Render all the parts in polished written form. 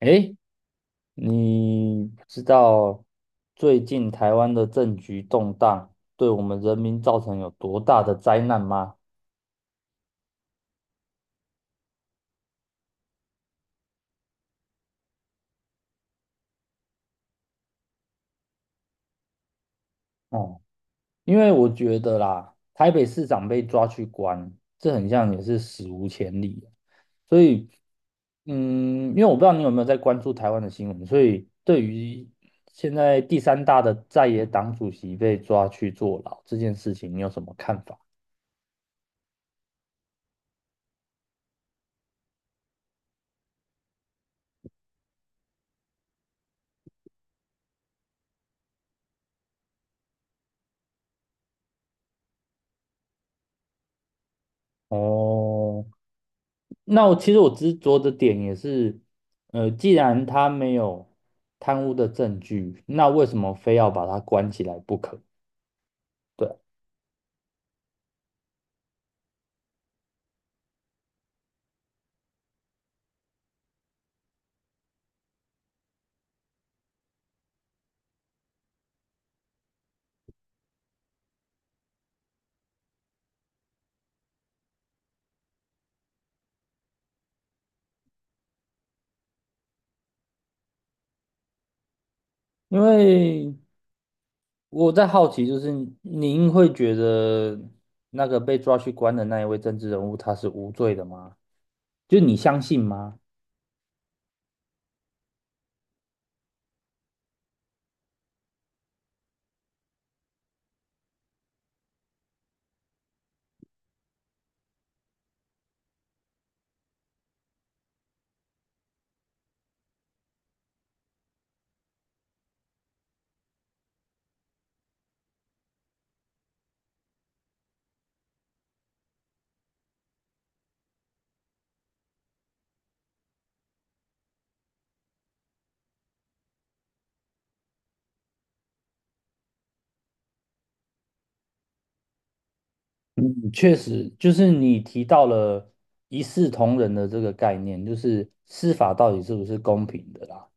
诶，你知道最近台湾的政局动荡对我们人民造成有多大的灾难吗？哦，因为我觉得啦，台北市长被抓去关，这很像也是史无前例的所以，因为我不知道你有没有在关注台湾的新闻，所以对于现在第三大的在野党主席被抓去坐牢这件事情，你有什么看法？哦。那其实我执着的点也是，既然他没有贪污的证据，那为什么非要把他关起来不可？对啊，因为我在好奇，就是您会觉得那个被抓去关的那一位政治人物他是无罪的吗？就你相信吗？嗯，确实，就是你提到了一视同仁的这个概念，就是司法到底是不是公平的啦？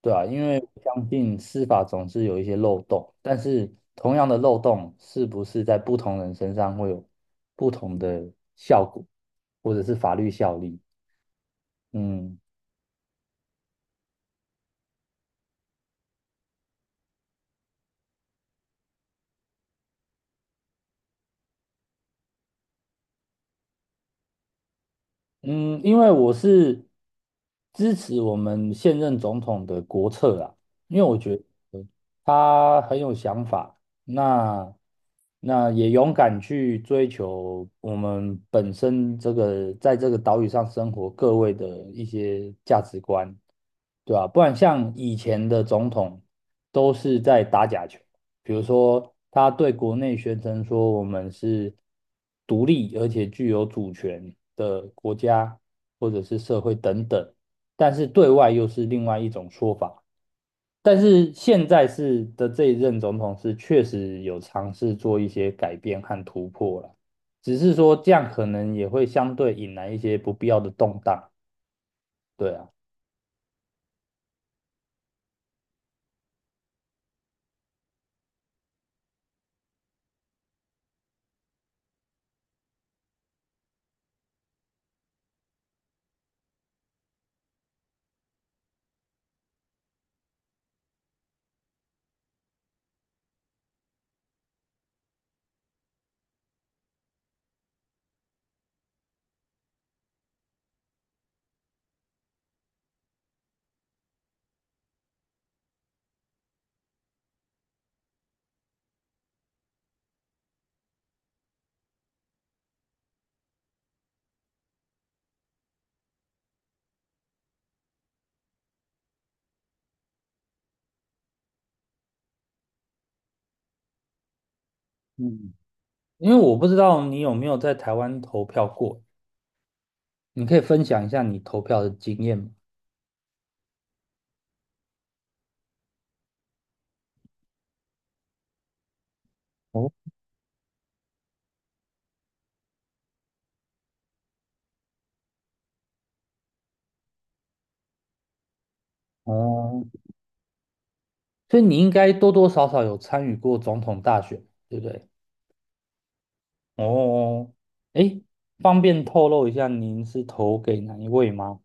对啊，因为我相信司法总是有一些漏洞，但是同样的漏洞是不是在不同人身上会有不同的效果，或者是法律效力？嗯。嗯，因为我是支持我们现任总统的国策啦，因为我觉得他很有想法，那那也勇敢去追求我们本身这个在这个岛屿上生活各位的一些价值观，对吧？不然像以前的总统都是在打假球。比如说，他对国内宣称说我们是独立而且具有主权的国家或者是社会等等，但是对外又是另外一种说法。但是现在是的这一任总统是确实有尝试做一些改变和突破了，只是说这样可能也会相对引来一些不必要的动荡。对啊，嗯，因为我不知道你有没有在台湾投票过，你可以分享一下你投票的经验吗？哦。哦，所以你应该多多少少有参与过总统大选，对不对？哦，诶，方便透露一下您是投给哪一位吗？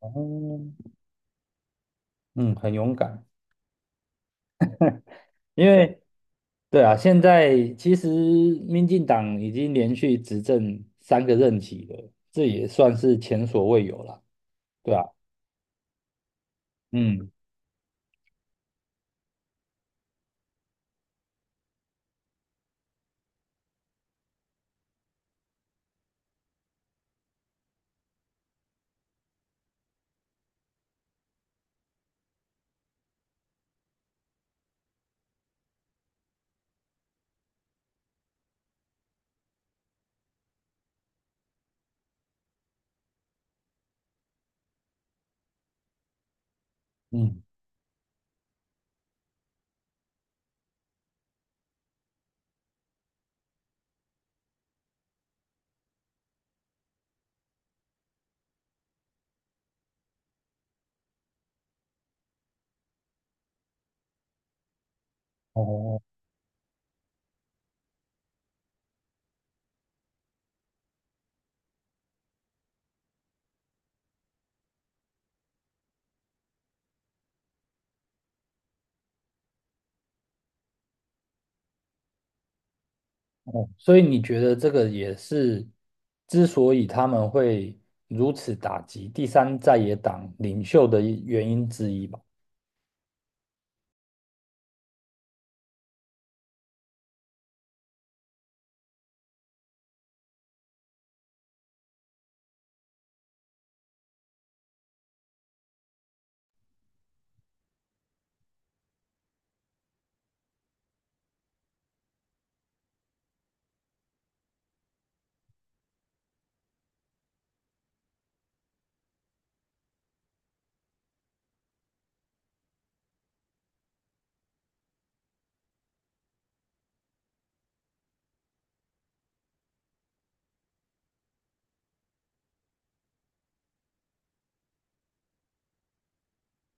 哦，嗯，很勇敢，因为 对啊，现在其实民进党已经连续执政3个任期了，这也算是前所未有了，对啊，嗯嗯，哦。所以你觉得这个也是之所以他们会如此打击第三在野党领袖的一原因之一吧？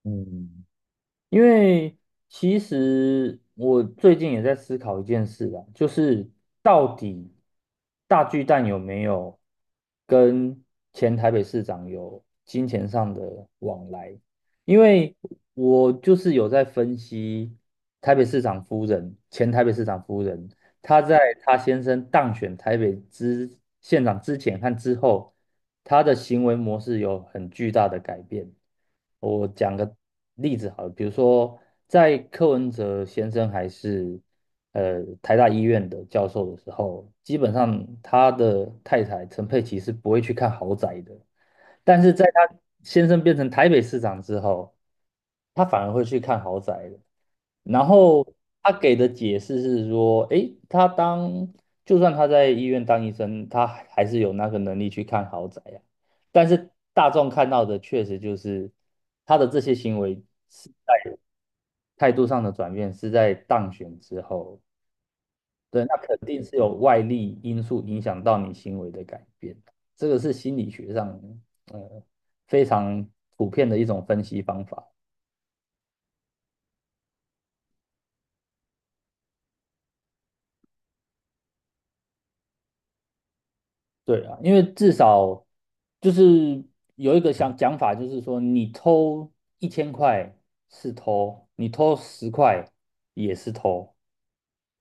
嗯因为其实我最近也在思考一件事啦，就是到底大巨蛋有没有跟前台北市长有金钱上的往来？因为我就是有在分析台北市长夫人、前台北市长夫人他在他先生当选台北之县长之前和之后，他的行为模式有很巨大的改变。我讲个例子好了，比如说在柯文哲先生还是台大医院的教授的时候，基本上他的太太陈佩琪是不会去看豪宅的。但是在他先生变成台北市长之后，他反而会去看豪宅了。然后他给的解释是说，诶，就算他在医院当医生，他还是有那个能力去看豪宅呀。但是大众看到的确实就是他的这些行为是态度上的转变，是在当选之后。对，那肯定是有外力因素影响到你行为的改变，这个是心理学上呃非常普遍的一种分析方法。对啊，因为至少就是有一个想讲法，就是说你偷1000块是偷，你偷10块也是偷，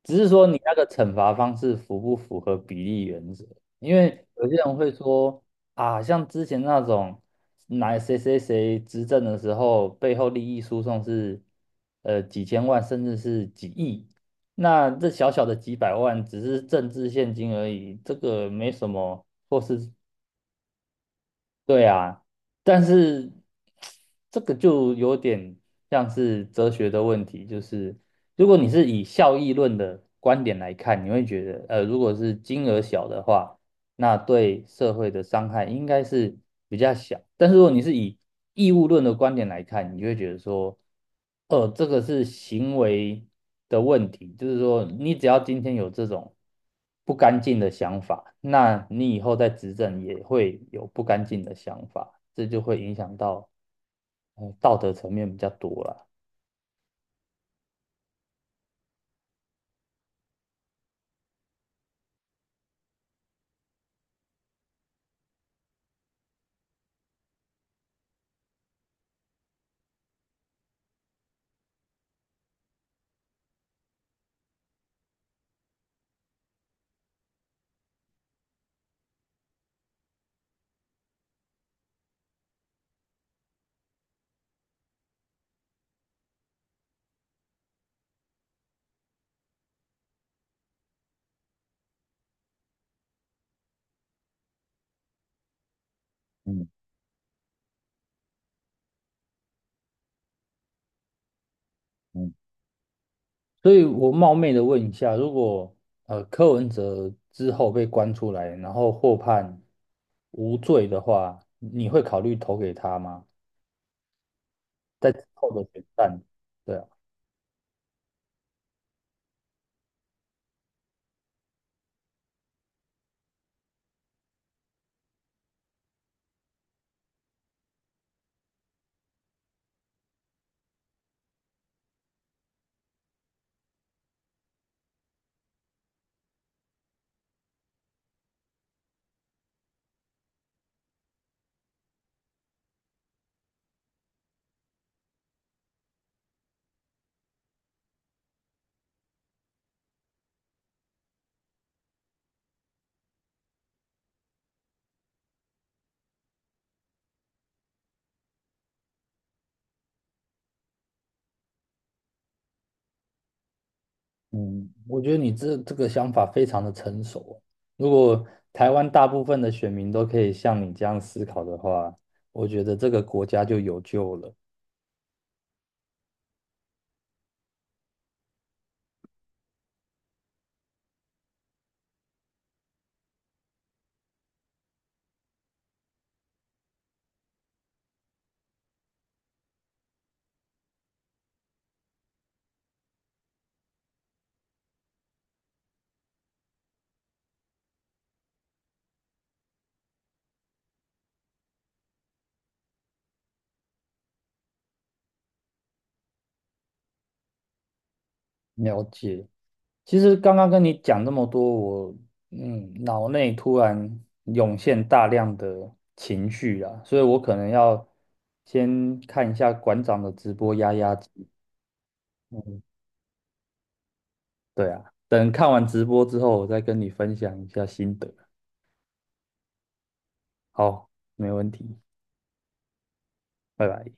只是说你那个惩罚方式符不符合比例原则？因为有些人会说啊，像之前那种哪谁谁谁执政的时候，背后利益输送是几千万甚至是几亿，那这小小的几百万只是政治现金而已，这个没什么对啊，但是这个就有点像是哲学的问题，就是如果你是以效益论的观点来看，你会觉得，如果是金额小的话，那对社会的伤害应该是比较小。但是如果你是以义务论的观点来看，你就会觉得说，这个是行为的问题，就是说，你只要今天有这种不干净的想法，那你以后在执政也会有不干净的想法，这就会影响到，道德层面比较多了。嗯嗯。所以我冒昧的问一下，如果柯文哲之后被关出来，然后获判无罪的话，你会考虑投给他吗？在之后的选战，对啊，嗯，我觉得你这个想法非常的成熟哦。如果台湾大部分的选民都可以像你这样思考的话，我觉得这个国家就有救了。了解。其实刚刚跟你讲这么多，我脑内突然涌现大量的情绪啦，所以我可能要先看一下馆长的直播压压惊。嗯，对啊，等看完直播之后，我再跟你分享一下心得。好，没问题，拜拜。